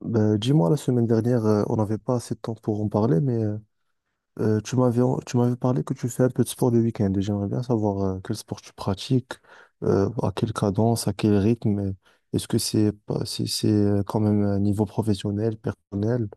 Ben, dis-moi, la semaine dernière, on n'avait pas assez de temps pour en parler, mais tu m'avais, tu m'avais parlé que tu fais un peu de sport le week-end et j'aimerais bien savoir quel sport tu pratiques, à quelle cadence, à quel rythme. Et est-ce que c'est pas, c'est quand même un niveau professionnel, personnel?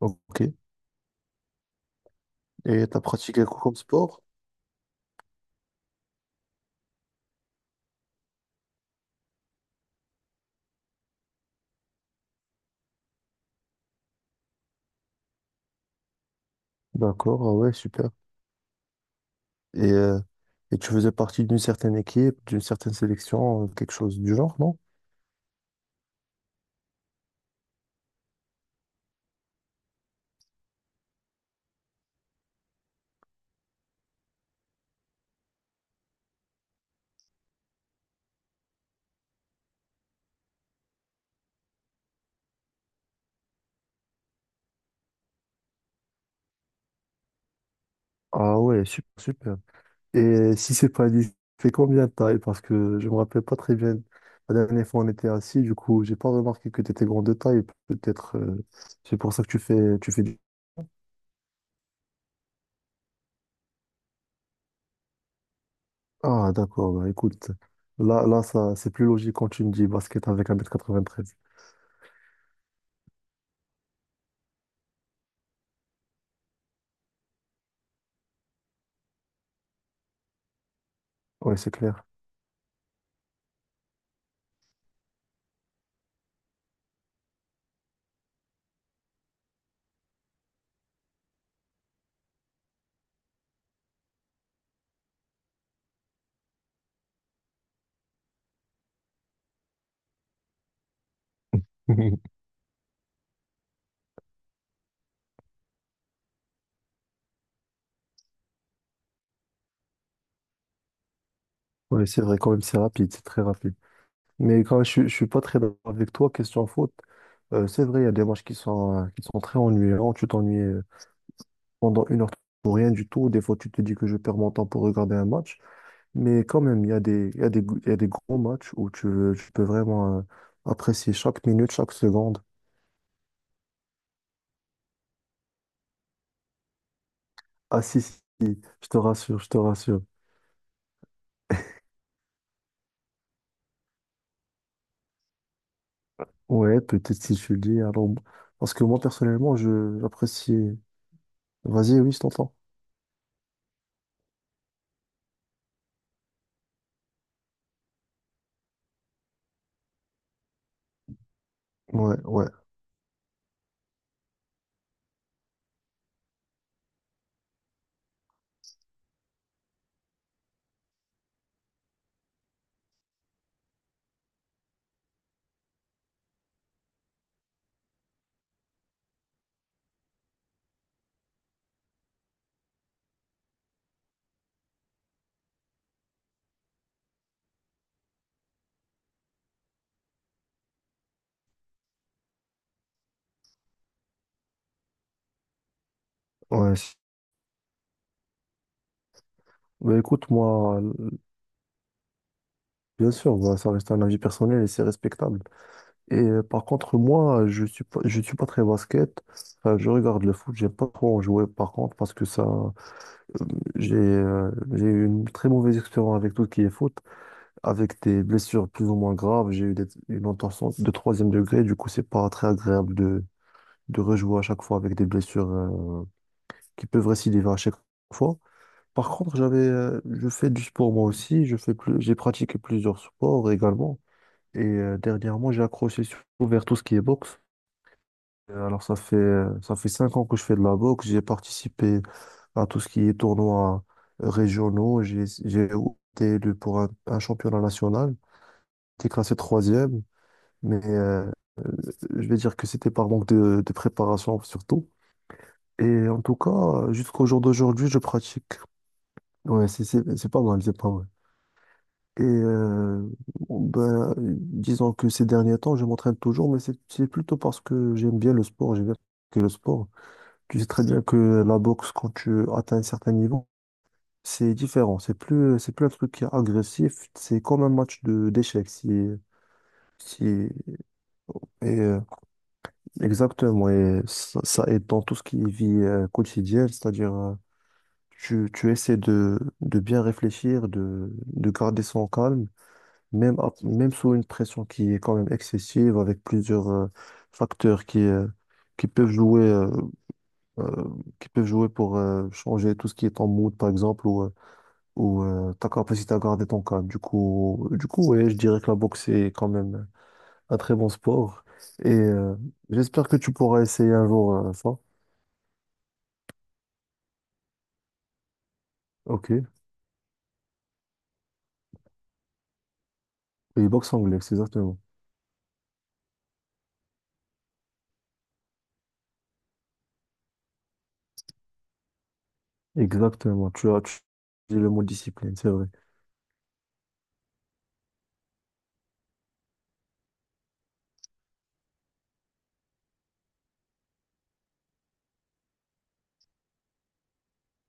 Ok. Et tu as pratiqué quoi comme sport? D'accord, ah ouais, super. Et, euh, et tu faisais partie d'une certaine équipe, d'une certaine sélection, quelque chose du genre, non? Ah ouais, super, super. Et si c'est pas dit, c'est combien de taille? Parce que je me rappelle pas très bien. La dernière fois, on était assis, du coup, j'ai pas remarqué que tu étais grand de taille. Peut-être, c'est pour ça que tu fais du... Ah, d'accord, bah, écoute. Ça, c'est plus logique quand tu me dis basket avec un mètre quatre-vingt-treize. Ouais, c'est clair. Ouais, c'est vrai, quand même, c'est rapide, c'est très rapide. Mais quand même, je suis pas très d'accord avec toi, question faute. C'est vrai, il y a des matchs qui sont très ennuyants. Tu t'ennuies pendant une heure pour rien du tout. Des fois, tu te dis que je perds mon temps pour regarder un match. Mais quand même, il y a des, il y a des gros matchs où tu peux vraiment apprécier chaque minute, chaque seconde. Ah si, si, si, je te rassure, je te rassure. Ouais, peut-être si tu le dis. Alors, parce que moi, personnellement, je j'apprécie. Vas-y, oui, je t'entends. Ouais, ouais, ouais. Si. Bah écoute, moi, bien sûr, bah, ça reste un avis personnel et c'est respectable. Et par contre, moi, je suis pas très basket. Enfin, je regarde le foot, j'aime pas trop en jouer par contre parce que ça, j'ai eu une très mauvaise expérience avec tout ce qui est foot, avec des blessures plus ou moins graves. Une entorse de troisième degré. Du coup, c'est pas très agréable de rejouer à chaque fois avec des blessures qui peuvent récidiver à chaque fois. Par contre, j'avais, je fais du sport moi aussi. J'ai pratiqué plusieurs sports également. Et dernièrement, vers tout ce qui est boxe. Alors, ça fait 5 ans que je fais de la boxe. J'ai participé à tout ce qui est tournois régionaux. J'ai été élu pour un championnat national. J'étais classé troisième. Mais je vais dire que c'était par manque de préparation surtout. Et en tout cas, jusqu'au jour d'aujourd'hui, je pratique. Ouais, c'est pas mal, c'est pas mal. Et ben, disons que ces derniers temps, je m'entraîne toujours, mais c'est plutôt parce que j'aime bien le sport, j'aime bien que le sport. Tu sais très bien que la boxe, quand tu atteins un certain niveau, c'est différent. C'est plus un truc qui est agressif, c'est comme un match de d'échecs. Si, si, et exactement, et ça aide dans tout ce qui est vie quotidienne, c'est-à-dire tu, tu essaies de bien réfléchir, de garder son calme, même, même sous une pression qui est quand même excessive, avec plusieurs facteurs qui peuvent jouer, euh, euh, qui peuvent jouer pour changer tout ce qui est ton mood, par exemple, ou, ta capacité à garder ton calme. Du coup, ouais, je dirais que la boxe est quand même un très bon sport, et j'espère que tu pourras essayer un jour ça. Ok. Et boxe anglaise, c'est exactement. Exactement. Tu tu dis le mot discipline, c'est vrai.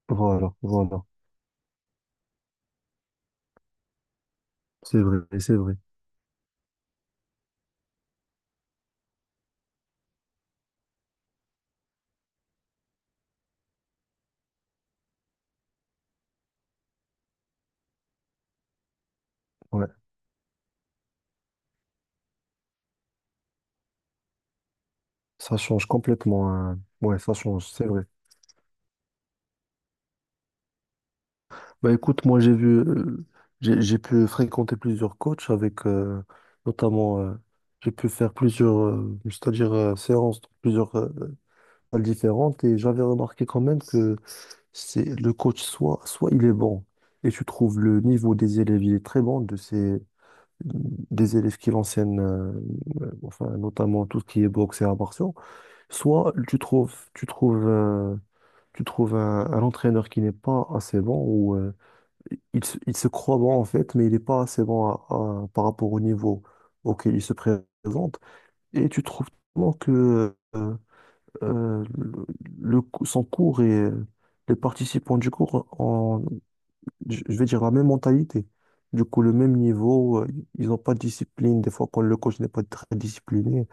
Voilà, voilà. C'est vrai, c'est vrai. Ouais. Ça change complètement, hein. Ouais, ça change, c'est vrai. Bah écoute, moi j'ai vu, j'ai pu fréquenter plusieurs coachs avec, notamment, j'ai pu faire plusieurs, c'est-à-dire séances dans plusieurs salles différentes et j'avais remarqué quand même que c'est le coach soit il est bon et tu trouves le niveau des élèves, il est très bon de ces des élèves qui l'enseignent, enfin, notamment tout ce qui est boxe et arts martiaux, soit tu trouves un entraîneur qui n'est pas assez bon ou il se croit bon en fait, mais il n'est pas assez bon par rapport au niveau auquel il se présente. Et tu trouves tellement que le, son cours et les participants du cours je vais dire la même mentalité. Du coup, le même niveau, ils n'ont pas de discipline. Des fois, quand le coach n'est pas très discipliné,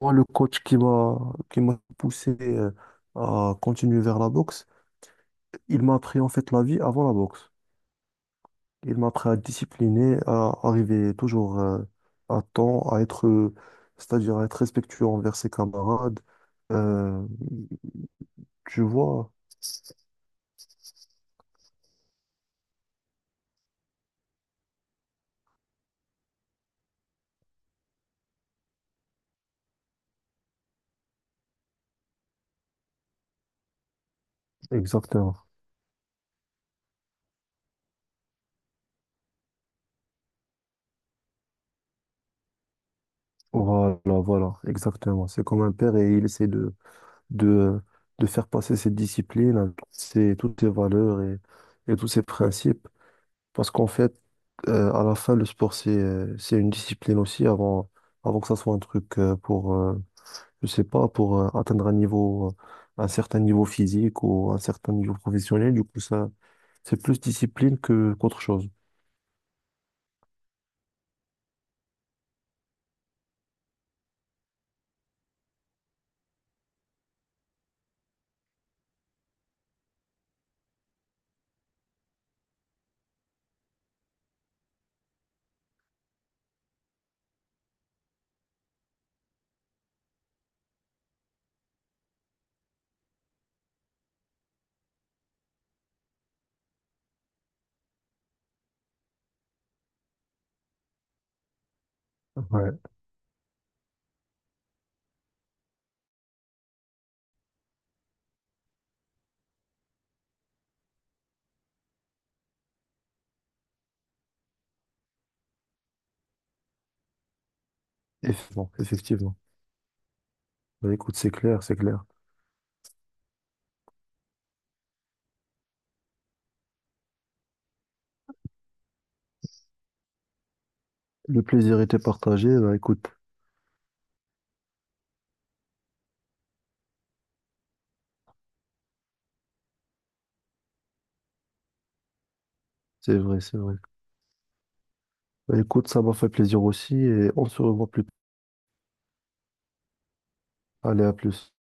moi, le coach qui m'a poussé à continuer vers la boxe, il m'a appris en fait la vie avant la boxe. Il m'a appris à discipliner, à arriver toujours à temps, c'est-à-dire à être respectueux envers ses camarades. Euh, Tu vois, exactement. Voilà, voilà, exactement. C'est comme un père et il essaie de de, de faire passer cette discipline, toutes ces valeurs et tous ces principes. Parce qu'en fait, à la fin, le sport, c'est une discipline aussi avant, avant que ça soit un truc pour, je sais pas, pour atteindre un niveau, un certain niveau physique ou un certain niveau professionnel. Du coup, ça, c'est plus discipline que, qu'autre chose. Ouais. Effectivement, effectivement. Bah, écoute, c'est clair, c'est clair. Le plaisir était partagé, bah, écoute, c'est vrai, c'est vrai. Bah, écoute, ça m'a fait plaisir aussi et on se revoit plus tard. Allez, à plus.